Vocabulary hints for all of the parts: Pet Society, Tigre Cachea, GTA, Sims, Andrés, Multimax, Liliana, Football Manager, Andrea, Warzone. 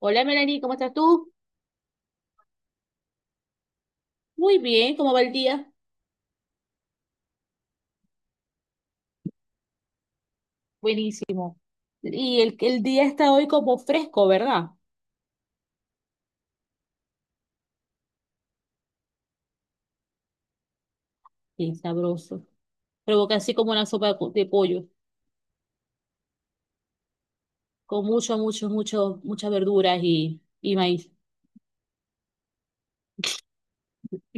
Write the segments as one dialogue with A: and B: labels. A: Hola Melanie, ¿cómo estás tú? Muy bien, ¿cómo va el día? Buenísimo. Y el día está hoy como fresco, ¿verdad? Bien sabroso. Provoca así como una sopa de pollo, con mucho, mucho, mucho, muchas verduras y maíz.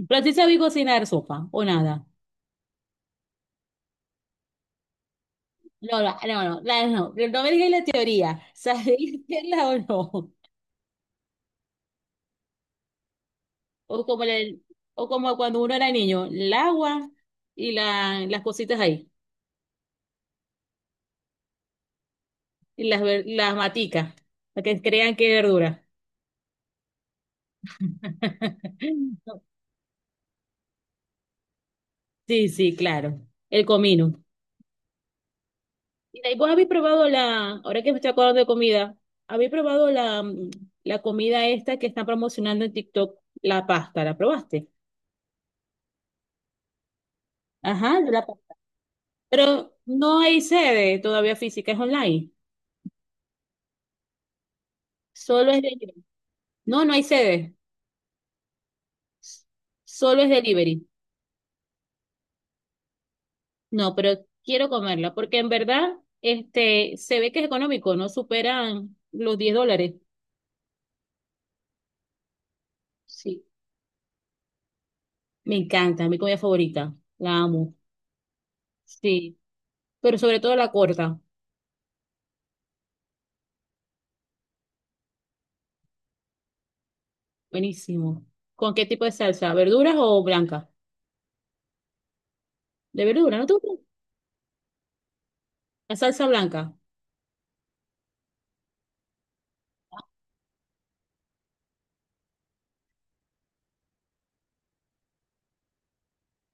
A: Pero sí sabéis cocinar sopa, o nada. No, no, no, no, no, no me digas la teoría. ¿Sabéis hacerla o no? O como, o como cuando uno era niño, el agua y las cositas ahí, y las maticas, para que crean que es verdura. Sí, sí, claro. El comino. Mira, ¿y vos habéis probado la, ahora que me estoy acordando de comida, habéis probado la comida esta que están promocionando en TikTok, la pasta? ¿La probaste? Ajá, de la pasta. Pero no hay sede todavía física, es online. Solo es delivery. No, no hay sede. Solo es delivery. No, pero quiero comerla porque en verdad este, se ve que es económico, no superan los $10. Sí. Me encanta, mi comida favorita. La amo. Sí, pero sobre todo la corta. Buenísimo. ¿Con qué tipo de salsa? ¿Verduras o blanca? De verdura, ¿no te gusta? La salsa blanca.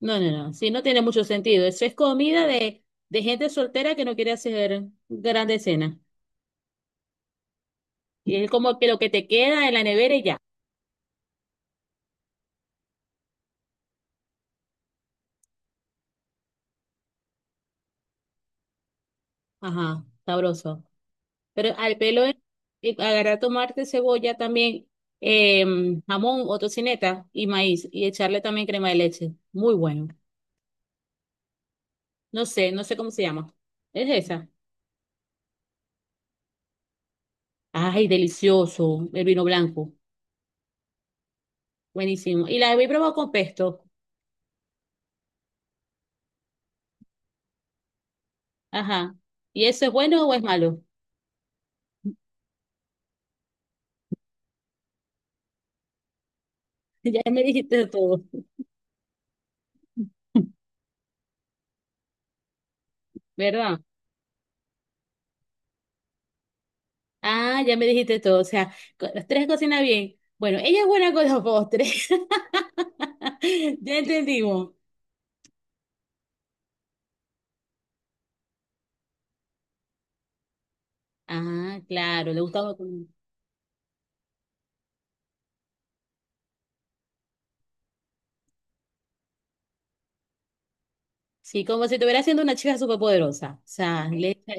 A: No, no, no. Sí, no tiene mucho sentido. Eso es comida de gente soltera que no quiere hacer grandes cenas. Y es como que lo que te queda en la nevera y ya. Ajá, sabroso. Pero al pelo, agarrar tomarte cebolla también, eh, jamón o tocineta y maíz y echarle también crema de leche. Muy bueno. No sé, no sé cómo se llama. Es esa. Ay, delicioso, el vino blanco. Buenísimo. Y la he probado con pesto. Ajá. ¿Y eso es bueno o es malo? Ya me dijiste todo. ¿Verdad? Ah, ya me dijiste todo. O sea, co- las tres cocinan bien. Bueno, ella es buena con los postres. Ya entendimos. Ah, claro, le gustaba. Con- Sí, como si estuviera siendo una chica superpoderosa. O sea, le echa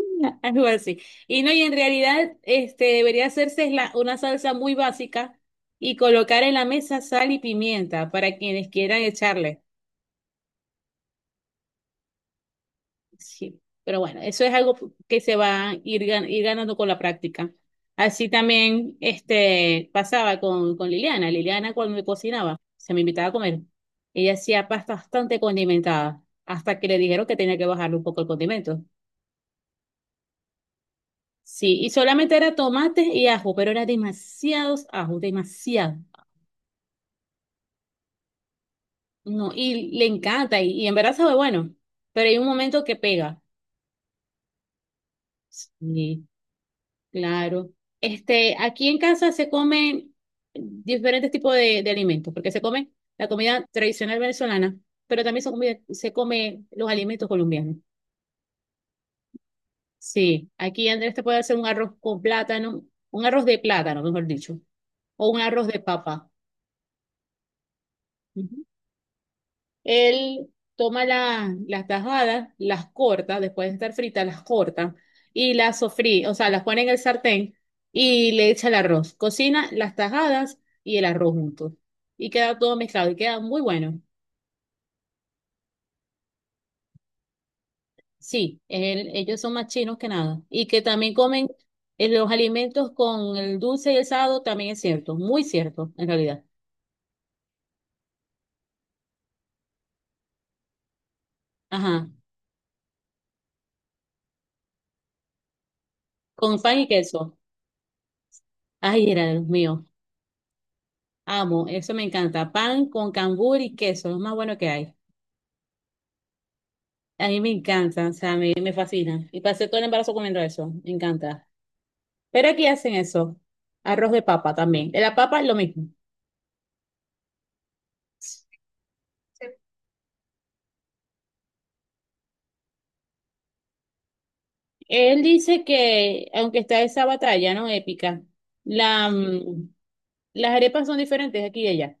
A: algo así. Y no, y en realidad, este, debería hacerse es una salsa muy básica y colocar en la mesa sal y pimienta para quienes quieran echarle. Sí. Pero bueno, eso es algo que se va a ir ganando con la práctica. Así también, este, pasaba con Liliana. Liliana cuando me cocinaba, se me invitaba a comer. Ella hacía pasta bastante condimentada, hasta que le dijeron que tenía que bajarle un poco el condimento. Sí, y solamente era tomate y ajo, pero era demasiados ajos, demasiado. No, y le encanta, y en verdad sabe bueno, pero hay un momento que pega. Sí, claro. Este, aquí en casa se comen diferentes tipos de alimentos, porque se come la comida tradicional venezolana, pero también se come los alimentos colombianos. Sí, aquí Andrés te puede hacer un arroz con plátano, un arroz de plátano, mejor dicho, o un arroz de papa. Él toma las tajadas, las corta, después de estar fritas, las corta y las sofrí, o sea, las pone en el sartén y le echa el arroz. Cocina las tajadas y el arroz juntos. Y queda todo mezclado y queda muy bueno. Sí, ellos son más chinos que nada. Y que también comen los alimentos con el dulce y el salado, también es cierto, muy cierto, en realidad. Ajá, con pan y queso. Ay, era de los míos. Amo, eso me encanta. Pan con cambur y queso, lo más bueno que hay. A mí me encanta, o sea, me fascina. Y pasé todo el embarazo comiendo eso, me encanta. Pero aquí hacen eso, arroz de papa también. De la papa es lo mismo. Él dice que, aunque está esa batalla, ¿no? Épica, la, mm, las arepas son diferentes aquí y allá.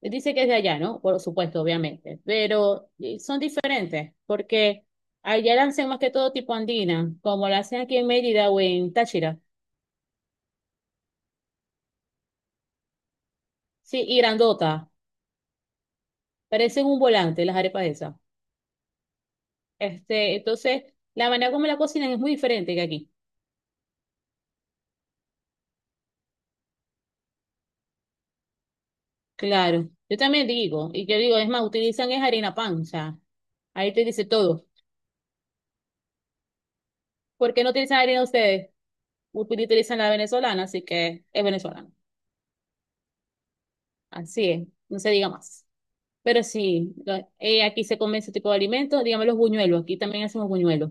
A: Él dice que es de allá, ¿no? Por supuesto, obviamente. Pero son diferentes, porque allá la hacen más que todo tipo andina, como la hacen aquí en Mérida o en Táchira. Sí, y grandota. Parecen un volante las arepas esas. Este, entonces, la manera como la cocinan es muy diferente que aquí. Claro. Yo también digo, y yo digo, es más, utilizan es harina pan, o sea, ahí te dice todo. ¿Por qué no utilizan harina ustedes? Utilizan la venezolana, así que es venezolana. Así es, no se diga más. Pero sí, aquí se come ese tipo de alimentos, dígame los buñuelos, aquí también hacemos buñuelos.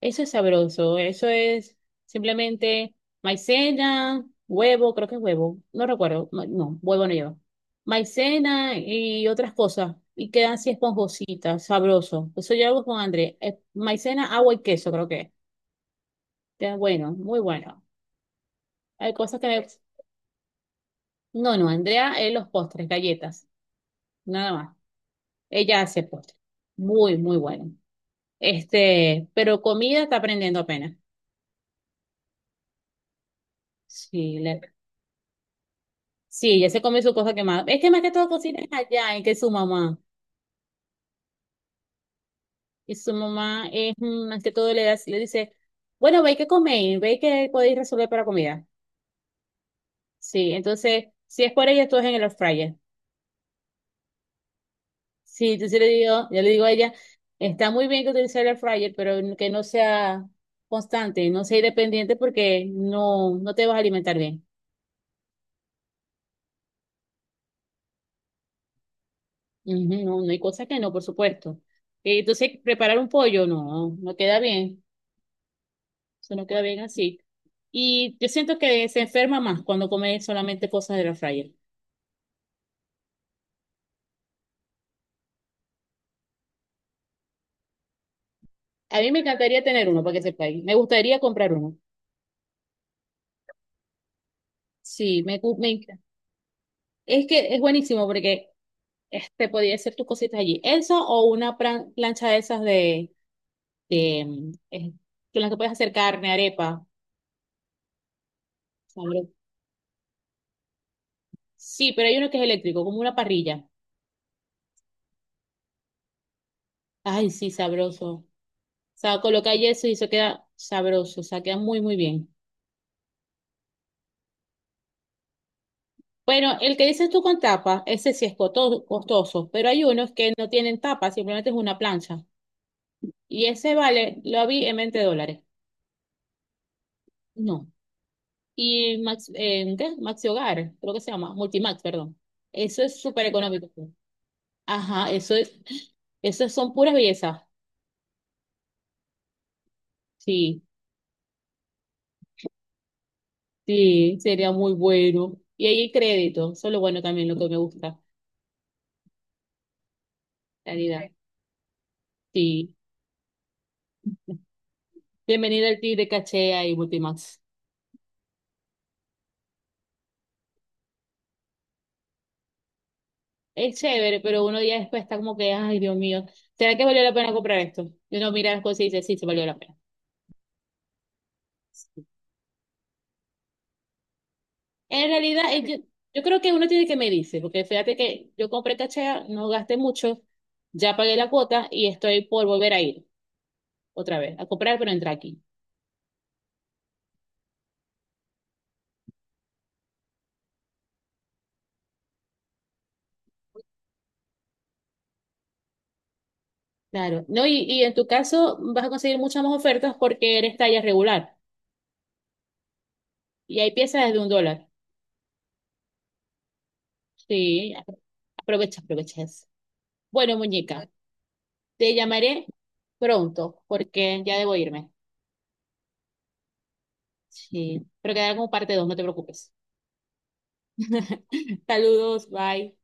A: Eso es sabroso, eso es simplemente maicena, huevo, creo que es huevo, no recuerdo, no, huevo no lleva. Maicena y otras cosas, y quedan así esponjositas, sabroso. Eso yo hago con André, maicena, agua y queso, creo que. Es. Queda bueno, muy bueno. Hay cosas que me... No, no, Andrea es los postres, galletas, nada más. Ella hace postres, muy, muy bueno. Este, pero comida está aprendiendo apenas. Sí, sí, ella se come su cosa quemada. Es que más que todo cocina es allá, en que su mamá. Y su mamá es mm, más que todo le dice, bueno, ve que coméis, ve que podéis resolver para comida. Sí, entonces, si es por ella, todo es en el air fryer. Sí, entonces le digo, yo le digo a ella, está muy bien que utilice el air fryer, pero que no sea constante, no sea independiente porque no, no te vas a alimentar bien. Ujú, no, no hay cosas que no, por supuesto. Entonces, preparar un pollo, no, no queda bien. Se nos queda bien así. Y yo siento que se enferma más cuando come solamente cosas de la fryer. A mí me encantaría tener uno para que sepáis. Me gustaría comprar uno. Sí, me, gu- me enc- es que es buenísimo porque este podía hacer tus cositas allí. Eso o una plancha de esas de con las que puedes hacer carne, arepa. Sabroso. Sí, pero hay uno que es eléctrico, como una parrilla. Ay, sí, sabroso. O sea, colocáis eso y eso queda sabroso. O sea, queda muy, muy bien. Bueno, el que dices tú con tapa, ese sí es costoso, pero hay unos que no tienen tapa, simplemente es una plancha. Y ese vale, lo vi en $20. No. Y Max, ¿qué? Maxi Hogar, creo que se llama, Multimax, perdón. Eso es súper económico, pues. Ajá, eso es, eso son puras bellezas. Sí, sí, sería muy bueno. Y ahí el crédito, eso es lo bueno también, lo que me gusta, la realidad. Sí. Bienvenido al Tigre Cachea y Multimax. Es chévere, pero uno día después está como que, ay, Dios mío, ¿será que valió la pena comprar esto? Y uno mira las cosas y dice, sí, se valió la pena. En realidad, yo creo que uno tiene que medirse, porque fíjate que yo compré cachea, no gasté mucho, ya pagué la cuota y estoy por volver a ir otra vez, a comprar, pero entrar aquí. Claro, no, y en tu caso vas a conseguir muchas más ofertas porque eres talla regular y hay piezas desde un dólar. Sí, aprovecha, aprovecha eso. Bueno, muñeca, te llamaré pronto porque ya debo irme. Sí, pero quedará como parte 2, no te preocupes. Saludos, bye.